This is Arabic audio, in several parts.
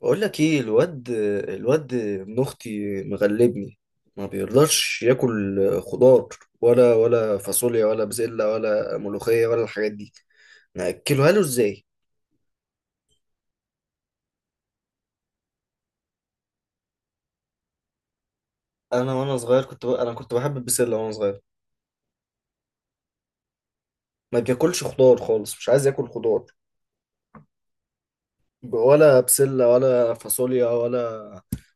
بقول لك ايه الواد، الواد ابن اختي مغلبني، ما بيرضاش ياكل خضار، ولا فاصوليا ولا بسله ولا ملوخيه ولا الحاجات دي، ناكلها له ازاي؟ انا وانا صغير انا كنت بحب البسله وانا صغير. ما بياكلش خضار خالص، مش عايز ياكل خضار. ولا بسله ولا فاصوليا ولا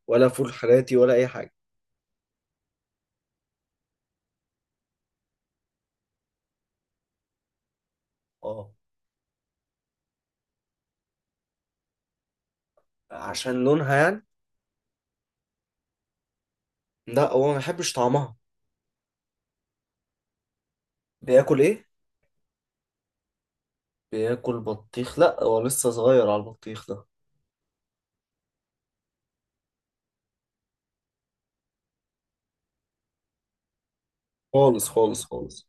ولا فول حراتي ولا اي حاجه. اه، عشان لونها يعني. لا هو ما بيحبش طعمها. بياكل ايه؟ بياكل بطيخ، لا هو لسه صغير على البطيخ ده. خالص خالص خالص.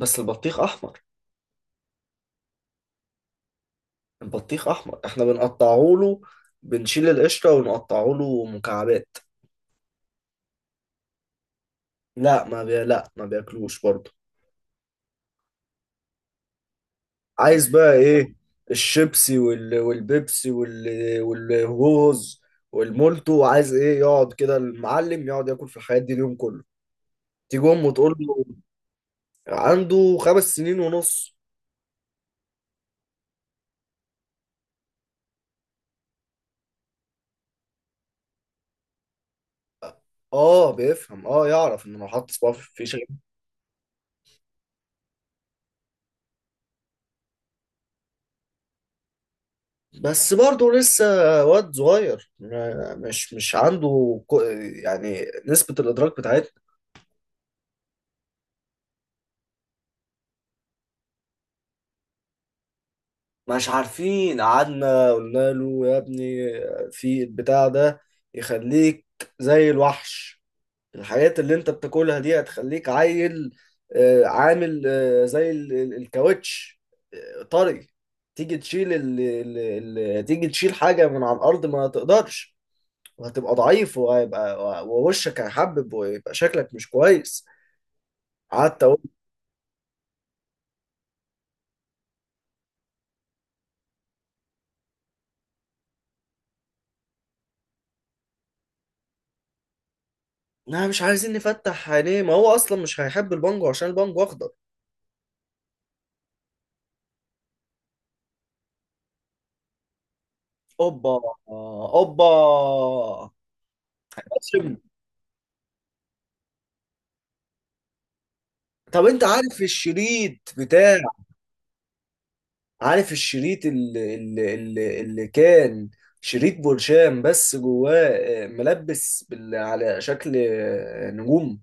بس البطيخ احمر. البطيخ احمر، احنا بنقطعه له، بنشيل القشره ونقطعه له مكعبات. لا ما بياكلوش برضه. عايز بقى ايه؟ الشيبسي والبيبسي والهوز والمولتو. عايز ايه يقعد كده المعلم يقعد ياكل في الحاجات دي اليوم كله، تيجي امه تقول له. عنده 5 سنين ونص. اه بيفهم، اه يعرف ان لو حط صباعه في... بس برضه لسه واد صغير، مش عنده يعني نسبة الإدراك بتاعتنا. مش عارفين، قعدنا قلنا له يا ابني في البتاع ده يخليك زي الوحش، الحاجات اللي انت بتاكلها دي هتخليك عيل، عامل زي الكاوتش، طري. تيجي تشيل ال... ال... ال... تيجي تشيل حاجة من على الأرض ما تقدرش، وهتبقى ضعيف، وهيبقى ووشك هيحبب ويبقى شكلك مش كويس. قعدت اقول، لا مش عايزين نفتح عينيه، ما هو اصلا مش هيحب البانجو عشان البانجو اخضر. اوبا. اوبا. قاسم، طب انت عارف الشريط عارف الشريط اللي كان شريط برشام، بس جواه ملبس على شكل نجوم.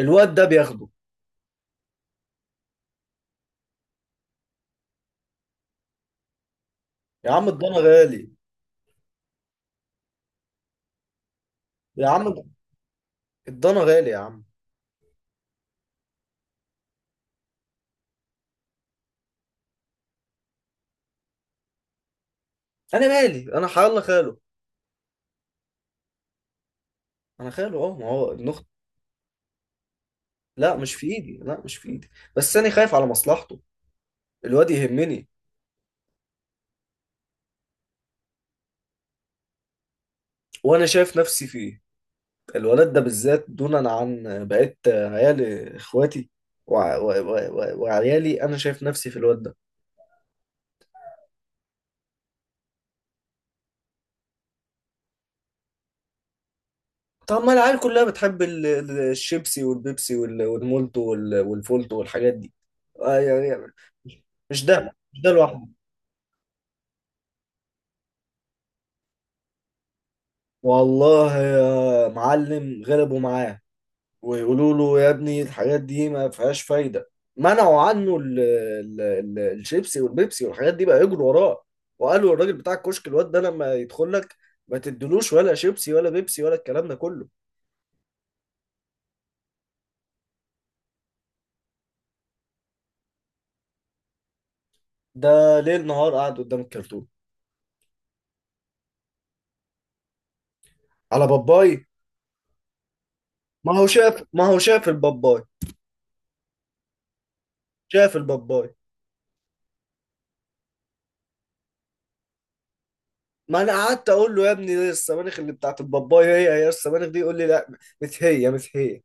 الواد ده بياخده. يا عم الضنا غالي، يا عم الضنا غالي يا عم. انا مالي، انا حيالله خاله. انا خاله، اه ما هو ابن اختي. لا مش في ايدي، لا مش في ايدي. بس انا خايف على مصلحته، الواد يهمني، وانا شايف نفسي فيه. الولد ده بالذات دونا عن بقية عيال اخواتي، وعيالي، انا شايف نفسي في الواد ده. طب ما العيال كلها بتحب الشيبسي والبيبسي والمولتو والفولتو والحاجات دي، يعني. مش ده، مش ده لوحده. والله يا معلم غلبوا معاه، ويقولوا له يا ابني الحاجات دي ما فيهاش فايدة. منعوا عنه ال ال ال الشيبسي والبيبسي والحاجات دي، بقى يجروا وراه، وقالوا الراجل بتاع الكشك الواد ده لما يدخل لك ما تدلوش ولا شيبسي ولا بيبسي ولا الكلام ده كله. ده ليل نهار قاعد قدام الكرتون. على باباي. ما هو شاف الباباي. شاف الباباي. ما انا قعدت اقول له يا ابني دي السبانخ اللي بتاعت الباباي، هي هي السبانخ دي، يقول لي لا، مش هي مش هي.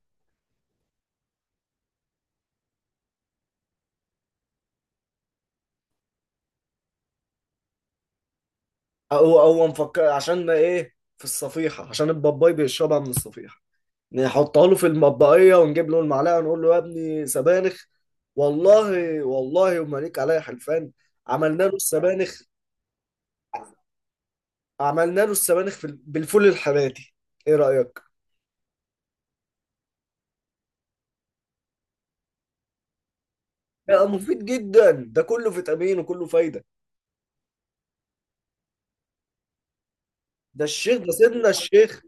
او مفكر عشان ما ايه في الصفيحة، عشان الباباي بيشربها من الصفيحة. نحطها له في المطبقية، ونجيب له المعلقة، ونقول له يا ابني سبانخ. والله، والله وما ليك عليا حلفان، عملنا له السبانخ. عملنا له السبانخ بالفول الحراتي، ايه رأيك؟ لا مفيد جدا، ده كله فيتامين وكله فايدة. ده الشيخ، ده سيدنا الشيخ.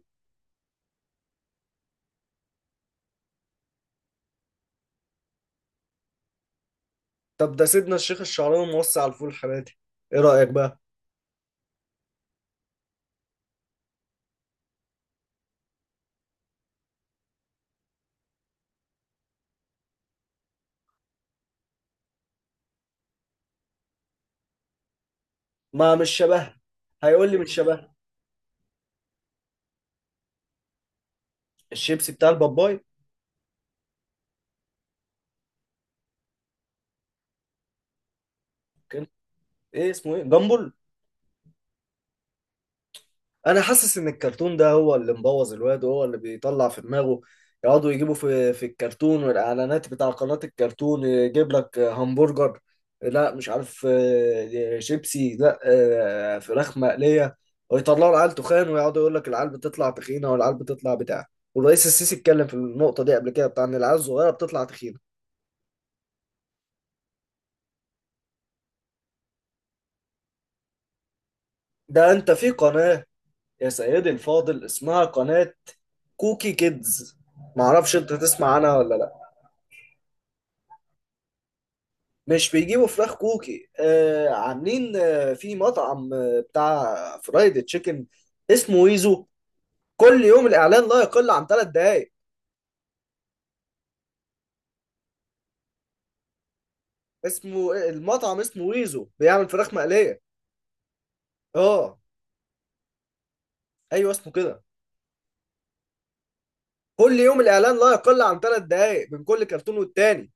طب ده سيدنا الشيخ الشعراني موسع على الفول الحراتي، ايه رأيك بقى؟ ما مش شبه. هيقول لي مش شبه. الشيبسي بتاع الباباي. كان ايه اسمه ايه؟ جامبل. انا حاسس ان الكرتون ده هو اللي مبوظ الواد، وهو اللي بيطلع في دماغه. يقعدوا يجيبوا في الكرتون والاعلانات بتاع قناة الكرتون يجيب لك همبرجر. لا مش عارف، شيبسي، لا فراخ مقلية. ويطلعوا العيال تخان، ويقعدوا يقول لك العيال بتطلع تخينة، والعيال بتطلع بتاع، والرئيس السيسي اتكلم في النقطة دي قبل كده بتاع ان العيال الصغيرة بتطلع تخينة. ده انت في قناة، يا سيدي الفاضل، اسمها قناة كوكي كيدز، معرفش انت تسمع عنها ولا لا. مش بيجيبوا فراخ كوكي، عاملين في مطعم بتاع فرايد تشيكن، اسمه ويزو. كل يوم الإعلان لا يقل عن 3 دقايق. اسمه المطعم، اسمه ويزو، بيعمل فراخ مقلية. اه. ايوه اسمه كده. كل يوم الإعلان لا يقل عن ثلاث دقايق من كل كرتون والتاني.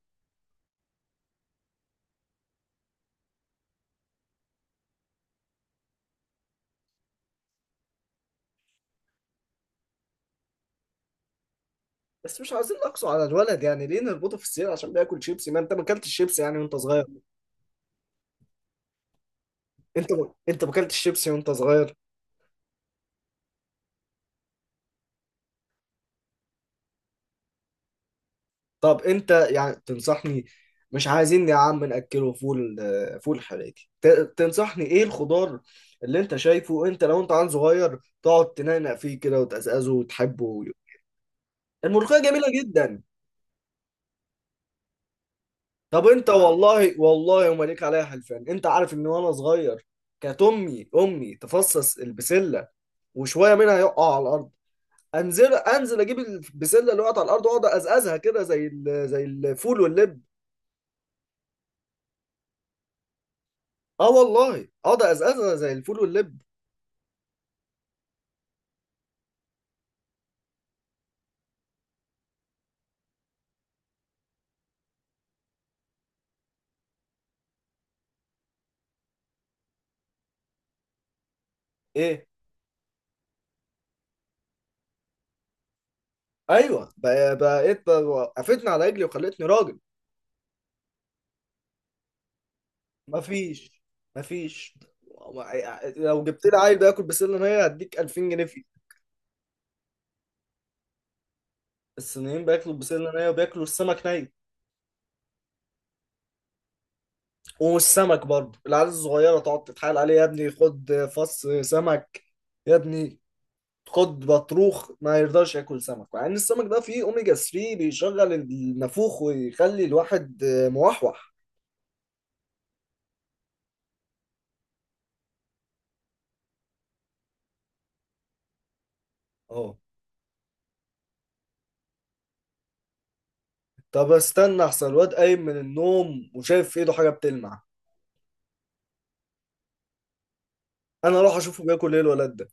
بس مش عايزين نقصوا على الولد، يعني ليه نربطه في السير عشان بياكل شيبسي، ما انت ما اكلتش شيبسي يعني وانت صغير. انت ما انت ما اكلتش شيبسي وانت صغير. طب انت يعني تنصحني، مش عايزين يا عم ناكله فول حراتي، تنصحني ايه الخضار اللي انت شايفه، انت لو انت عيل صغير تقعد تنقنق فيه كده وتقزقزه وتحبه. الملوخيه جميله جدا. طب انت والله والله وما ليك عليها حلفان، انت عارف ان وانا صغير كانت امي تفصص البسله، وشويه منها يقع على الارض، انزل انزل اجيب البسله اللي وقعت على الارض، واقعد ازقزها كده زي الفول واللب. اه والله، اقعد ازقزها زي الفول واللب. ايه. ايوه بقيت وقفتني على رجلي وخلتني راجل. مفيش. مفيش. لو جبت لي عيل بياكل بسله نيه هديك 2000 جنيه فيه. الصينيين بياكلوا بسله نيه، وبياكلوا السمك ني. والسمك برضه العيال الصغيره تقعد تتحايل عليه، يا ابني خد فص سمك، يا ابني خد بطروخ، ما يرضاش ياكل سمك، مع ان السمك ده فيه اوميجا 3 بيشغل النافوخ ويخلي الواحد موحوح. اه، طب استنى احسن، الواد قايم من النوم وشايف في ايده حاجه بتلمع. انا اروح اشوفه بياكل ايه الولد ده.